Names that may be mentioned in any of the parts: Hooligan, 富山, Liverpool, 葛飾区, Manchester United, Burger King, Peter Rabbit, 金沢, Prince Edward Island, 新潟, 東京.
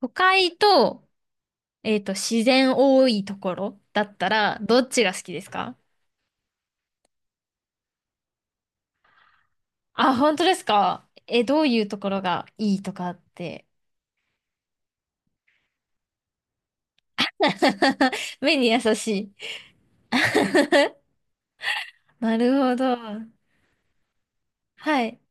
都会と、自然多いところだったら、どっちが好きですか？あ、本当ですか？え、どういうところがいいとかって。目に優しい。なるほど。はい。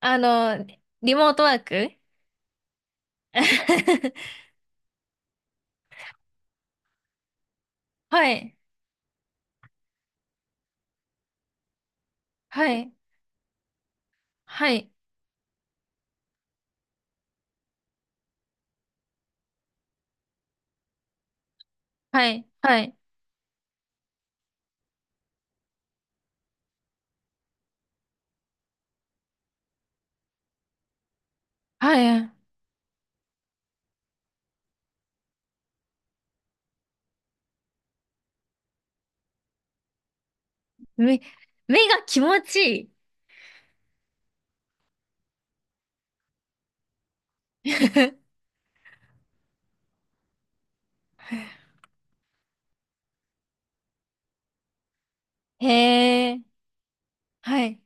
あの、リモートワーク。 はい。はい。はい。はい。はい。はい。目、目が気持ちいい。へえ。はい。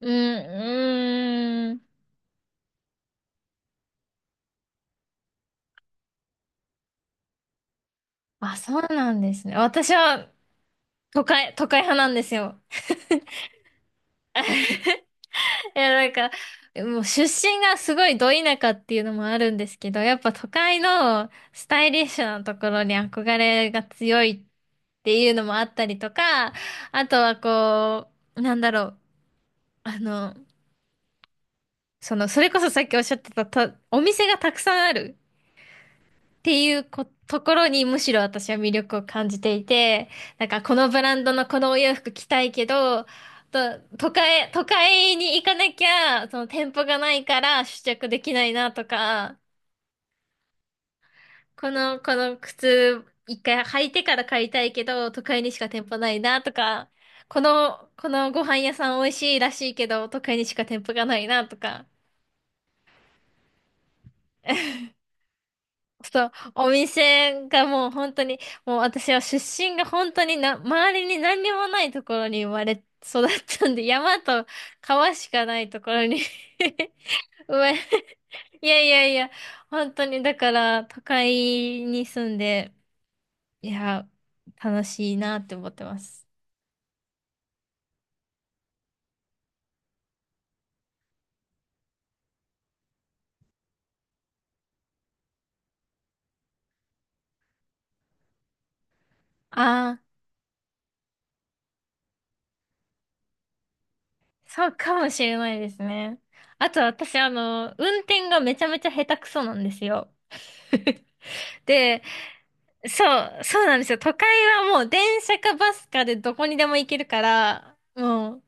うーん、うーん。あ、そうなんですね。私は、都会派なんですよ。いや、なんか、もう出身がすごいど田舎っていうのもあるんですけど、やっぱ都会のスタイリッシュなところに憧れが強いっていうのもあったりとか、あとはこう、なんだろう、あの、それこそさっきおっしゃってたと、お店がたくさんある。っていうこ、ところにむしろ私は魅力を感じていて、なんかこのブランドのこのお洋服着たいけど、と、都会に行かなきゃ、その店舗がないから試着できないなとか、この靴一回履いてから買いたいけど、都会にしか店舗ないなとか、このご飯屋さん美味しいらしいけど、都会にしか店舗がないなとか、そう、お店がもう本当に、もう私は出身が本当にな、周りに何にもないところに生まれ育ったんで、山と川しかないところに 生まれ、いやいやいや、本当にだから都会に住んで、いや、楽しいなって思ってます。ああ、そうかもしれないですね。あと私、あの、運転がめちゃめちゃ下手くそなんですよ。で、そう、そうなんですよ。都会はもう電車かバスかでどこにでも行けるから、もう、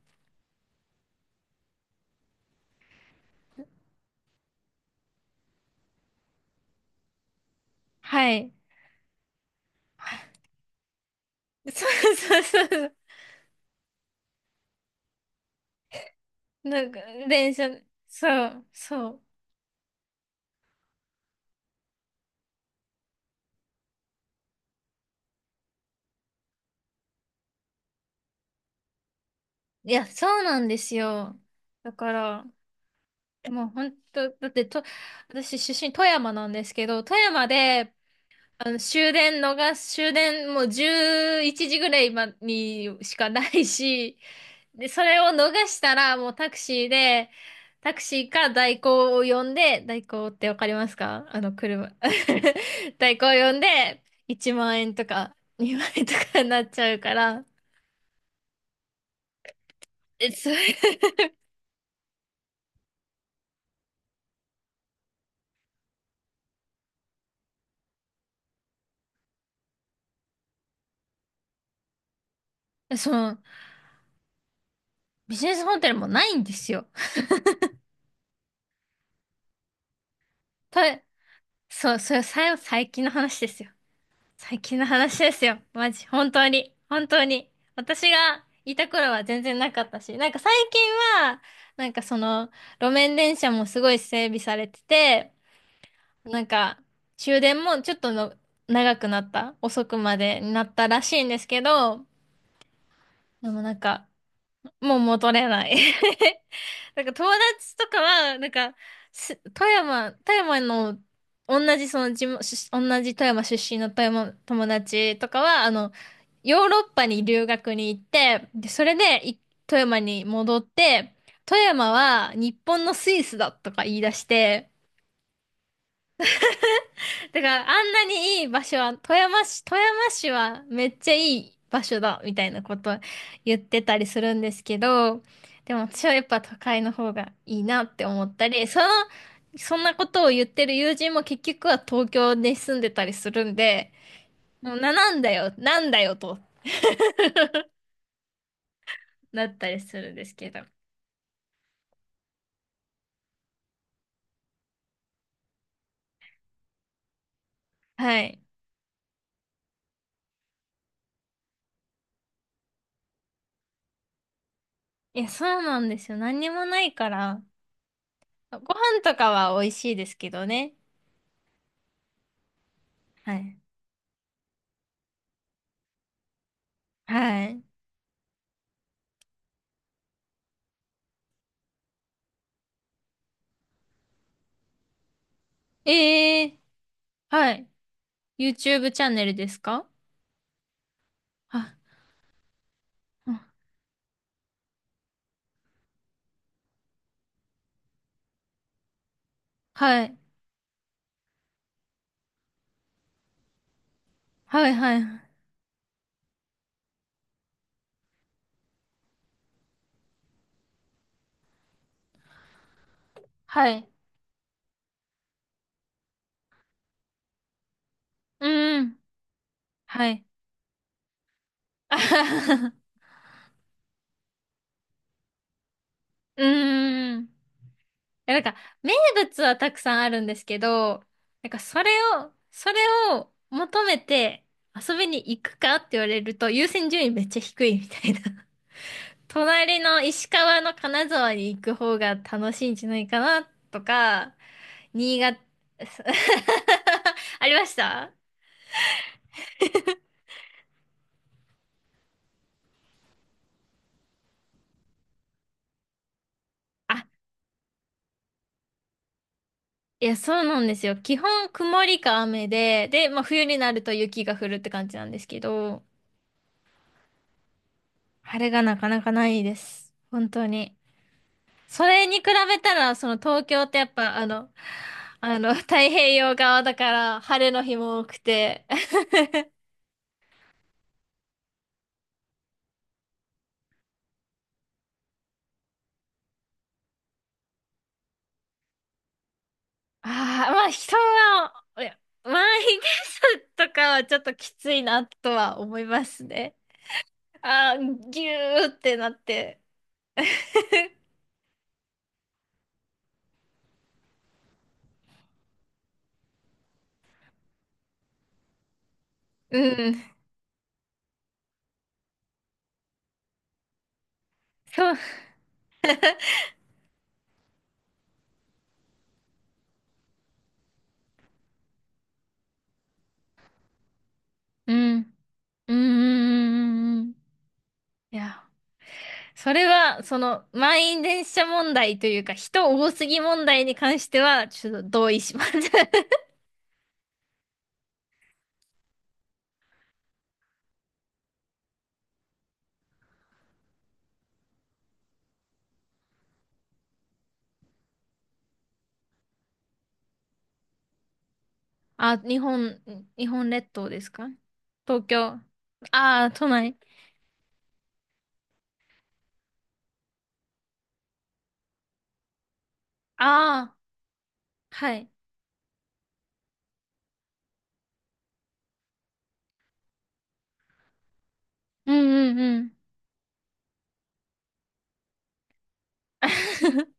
はい。そうそうそうそう。なんか、電車、そう、そう。いや、そうなんですよ。だから、もう本当、だってと、私出身富山なんですけど、富山で、あの、終電逃す、終電もう11時ぐらいまにしかないし、で、それを逃したら、もうタクシーで、タクシーか代行を呼んで、代行ってわかりますか？あの、車。代行を呼んで、1万円とか2万円とかになっちゃうから、え、それ、その、ビジネスホテルもないんですよ。た、そう、それ、さ、最近の話ですよ。最近の話ですよ。マジ。本当に。本当に。私がいた頃は全然なかったし、なんか最近は、なんかその、路面電車もすごい整備されてて、なんか、終電もちょっとの長くなった。遅くまでになったらしいんですけど、でもなんか、もう戻れない。なんか友達とかは、なんか、す富山、富山の、同じその地元、し同じ富山出身の富山友達とかは、あの、ヨーロッパに留学に行って、で、それでい富山に戻って、富山は日本のスイスだとか言い出して、だからあんなにいい場所は、富山市はめっちゃいい場所だ、みたいなこと言ってたりするんですけど、でも私はやっぱ都会の方がいいなって思ったり、その、そんなことを言ってる友人も結局は東京で住んでたりするんで、もうな、なんだよ、なんだよとなったりするんですけど。はい。いや、そうなんですよ。何にもないから、ご飯とかは美味しいですけどね。はい。はい。ええ、はい。YouTube チャンネルですか？あ、うん、はい。はい、はい。はい。うん。はい。あはは、うーん。いやなんか、名物はたくさんあるんですけど、なんか、それを求めて遊びに行くかって言われると、優先順位めっちゃ低いみたいな。隣の石川の金沢に行く方が楽しいんじゃないかなとか、新潟、ありました。あ、いや、そうなんですよ。基本曇りか雨で、で、まあ冬になると雪が降るって感じなんですけど、晴れがなかなかないです。本当に。それに比べたら、その東京ってやっぱあの、あの、太平洋側だから晴れの日も多くて、ああ、まあ人は、いや満員電車とかはちょっときついなとは思いますね。ああ、ぎゅーってなって。うん、そう、うん、うん、うん、うん、うん。うん、いや、それは、その、満員電車問題というか、人多すぎ問題に関しては、ちょっと同意します。あ、日本、日本列島ですか？東京。ああ、都内。ああ、はい。うん、うん、うん。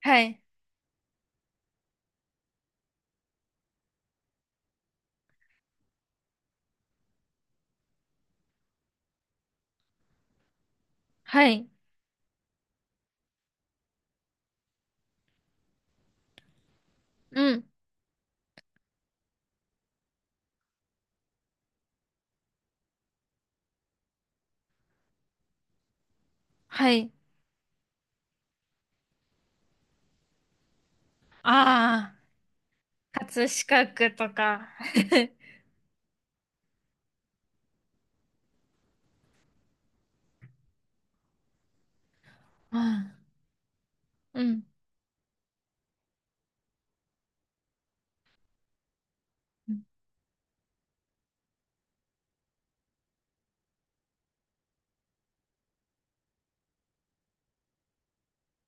はい。はい。うん。はい。ああ、葛飾区とか。ああ、うん。